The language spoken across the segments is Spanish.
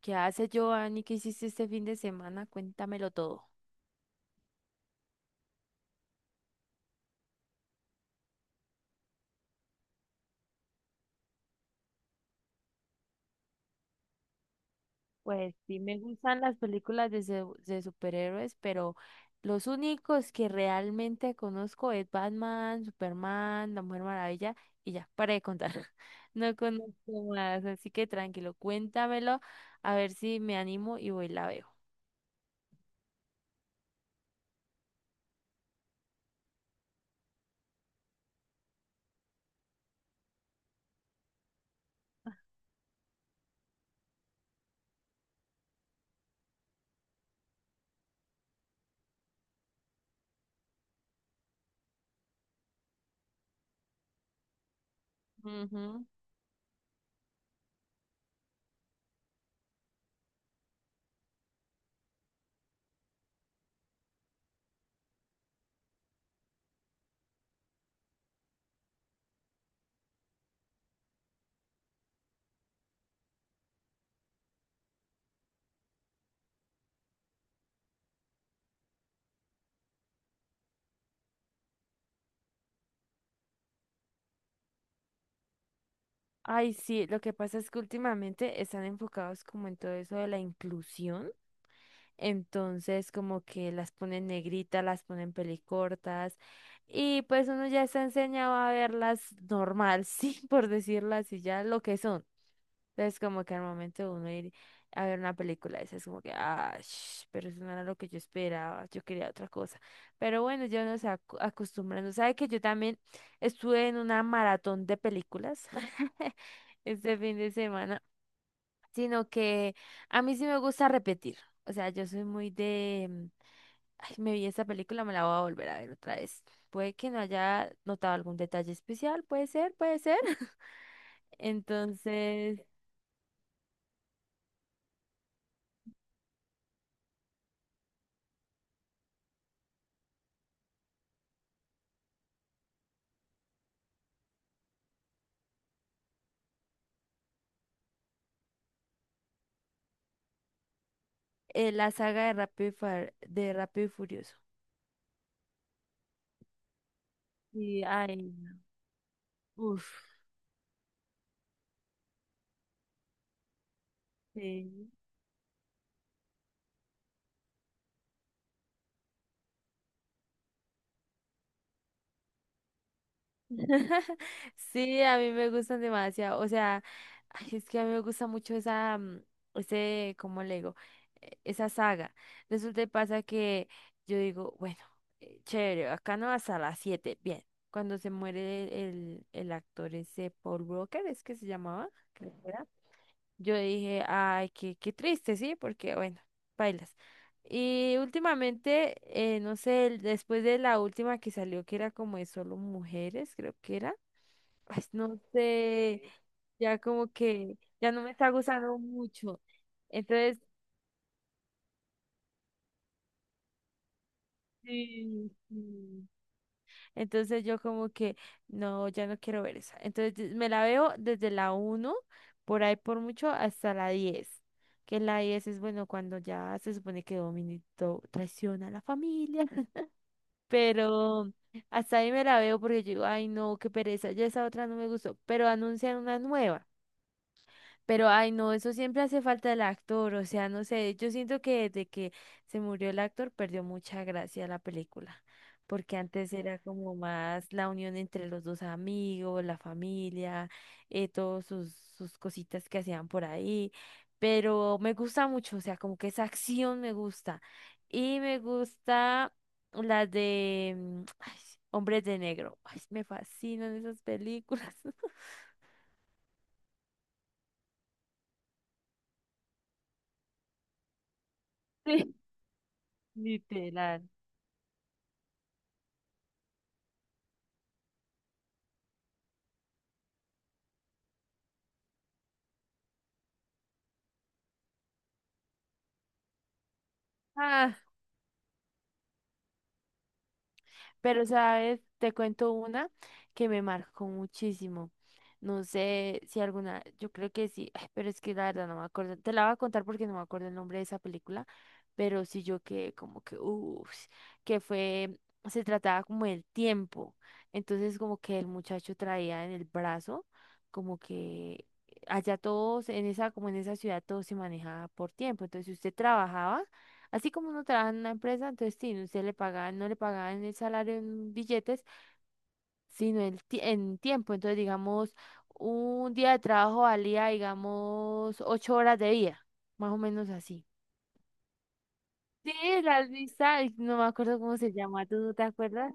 ¿Qué hace Giovanni? ¿Qué hiciste este fin de semana? Cuéntamelo todo. Pues sí me gustan las películas de superhéroes, pero los únicos que realmente conozco es Batman, Superman, La Mujer Maravilla y ya, para de contar. No conozco más, así que tranquilo, cuéntamelo, a ver si me animo y voy y la veo. Ujú. Ay, sí, lo que pasa es que últimamente están enfocados como en todo eso de la inclusión. Entonces, como que las ponen negritas, las ponen pelicortas, y pues uno ya está enseñado a verlas normal, sí, por decirlo así, ya lo que son. Entonces, como que al momento de uno ir a ver una película, esa es como que, pero eso no era lo que yo esperaba, yo quería otra cosa. Pero bueno, ya uno se va acostumbrando. ¿Sabe que yo también estuve en una maratón de películas este fin de semana? Sino que a mí sí me gusta repetir. O sea, yo soy muy de, ay, me vi esta película, me la voy a volver a ver otra vez. Puede que no haya notado algún detalle especial, puede ser, puede ser. Entonces, la saga de Rápido y Furioso. Y, ay, uff, sí, a mí me gustan demasiado. O sea, ay, es que a mí me gusta mucho esa, ese, ¿cómo le digo? Esa saga. Resulta y pasa que yo digo, bueno, chévere, acá no hasta las 7, bien. Cuando se muere el actor ese Paul Walker, es que se llamaba, creo que era. Yo dije, ay, qué, qué triste, sí, porque bueno, bailas. Y últimamente, no sé, después de la última que salió, que era como de solo mujeres, creo que era, pues no sé, ya como que ya no me está gustando mucho. Entonces, sí, sí. Entonces yo como que no, ya no quiero ver esa. Entonces me la veo desde la 1 por ahí por mucho, hasta la 10. Que la 10 es bueno cuando ya se supone que Dominito traiciona a la familia. Pero hasta ahí me la veo porque yo digo, ay no, qué pereza, ya esa otra no me gustó. Pero anuncian una nueva. Pero, ay, no, eso siempre hace falta el actor, o sea, no sé, yo siento que desde que se murió el actor perdió mucha gracia la película, porque antes era como más la unión entre los dos amigos, la familia, todos sus cositas que hacían por ahí, pero me gusta mucho, o sea, como que esa acción me gusta, y me gusta la de ay, Hombres de Negro, ay, me fascinan esas películas. Sí. Literal. Ah, pero ¿sabes? Te cuento una que me marcó muchísimo. No sé si alguna, yo creo que sí, ay, pero es que la verdad no me acuerdo. Te la voy a contar porque no me acuerdo el nombre de esa película, pero sí yo que como que, uff, que fue, se trataba como del tiempo. Entonces como que el muchacho traía en el brazo, como que allá todos, en esa, como en esa ciudad todo se manejaba por tiempo. Entonces, si usted trabajaba, así como uno trabaja en una empresa, entonces sí, usted le pagaban, no le pagaban el salario en billetes, sino el en tiempo. Entonces, digamos, un día de trabajo valía, digamos, 8 horas de vida, más o menos así. Sí, la lista, ay, no me acuerdo cómo se llama, ¿tú no te acuerdas?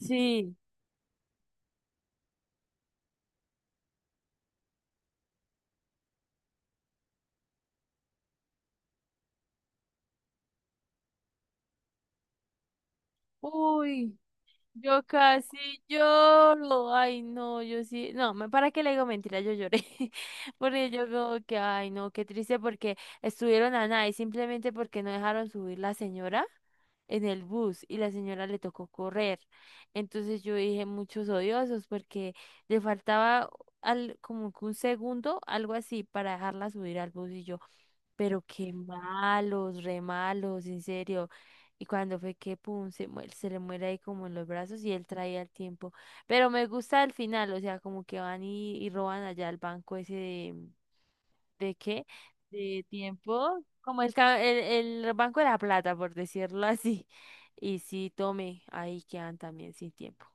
Sí. Uy. Yo casi lloro, ay no, yo sí, no, para qué le digo mentira, yo lloré, porque yo como que, ay no, qué triste, porque estuvieron a nada y simplemente porque no dejaron subir la señora en el bus y la señora le tocó correr, entonces yo dije, muchos odiosos, porque le faltaba al, como que 1 segundo, algo así, para dejarla subir al bus y yo. Pero qué malos, re malos, en serio. Y cuando fue que pum, se le muere ahí como en los brazos y él traía el tiempo. Pero me gusta el final, o sea, como que van y roban allá el banco ese ¿de qué? De tiempo, como el Banco de la Plata, por decirlo así. Y sí, tome, ahí quedan también sin tiempo.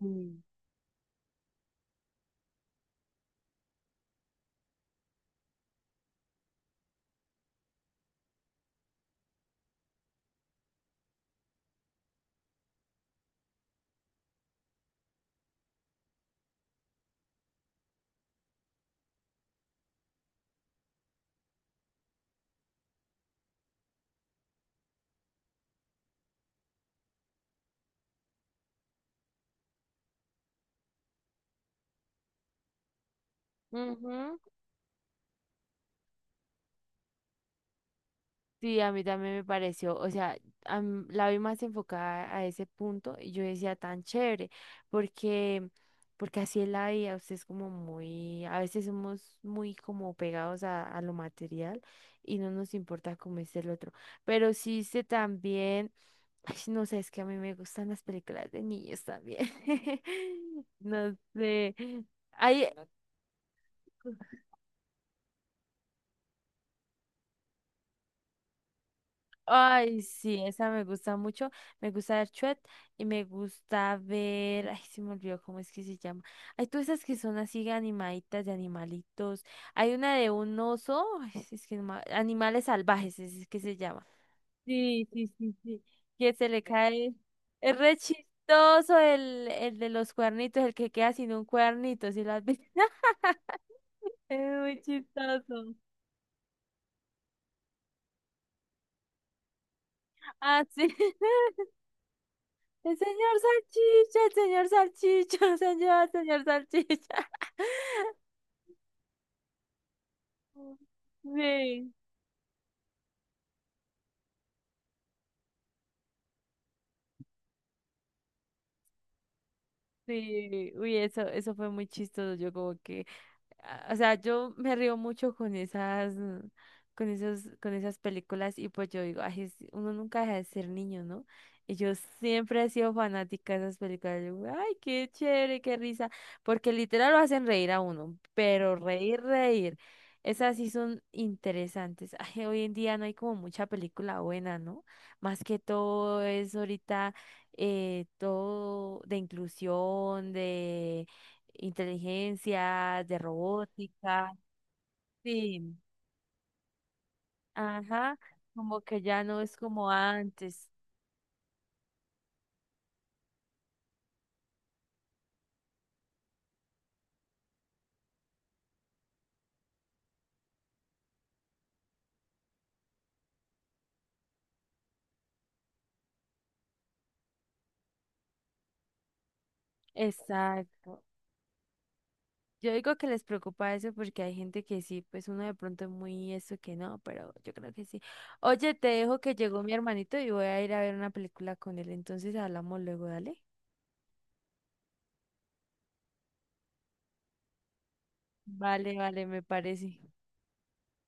Sí. Ujú. Sí, a mí también me pareció, o sea, la vi más enfocada a ese punto y yo decía tan chévere, porque, porque, así es la vida, usted es como muy, a veces somos muy como pegados a lo material y no nos importa cómo es el otro, pero sí sé también, ay, no sé, es que a mí me gustan las películas de niños también, no sé, hay. Ay, sí, esa me gusta mucho. Me gusta ver Chuet y me gusta ver. Ay, se me olvidó cómo es que se llama. Hay todas esas que son así animaditas de animalitos. Hay una de un oso. Ay, sí, es que no ma- Animales salvajes, es que se llama. Sí, sí, sí, sí. Que se le cae. Es re chistoso el de los cuernitos, el que queda sin un cuernito, ¿si lo has visto? Es muy chistoso. Ah, sí. El señor salchicha, señor, señor salchicha. Sí, sí, uy, eso fue muy chistoso. Yo como que o sea, yo me río mucho con esas, con esos, con esas películas y pues yo digo, ay, uno nunca deja de ser niño, ¿no? Y yo siempre he sido fanática de esas películas. Yo, ay, qué chévere, qué risa, porque literal lo hacen reír a uno, pero reír, reír. Esas sí son interesantes. Ay, hoy en día no hay como mucha película buena, ¿no? Más que todo es ahorita, todo de inclusión, de inteligencia, de robótica, sí, ajá, como que ya no es como antes, exacto. Yo digo que les preocupa eso porque hay gente que sí, pues uno de pronto es muy eso que no, pero yo creo que sí. Oye, te dejo que llegó mi hermanito y voy a ir a ver una película con él, entonces hablamos luego, dale. Vale, vale, me parece.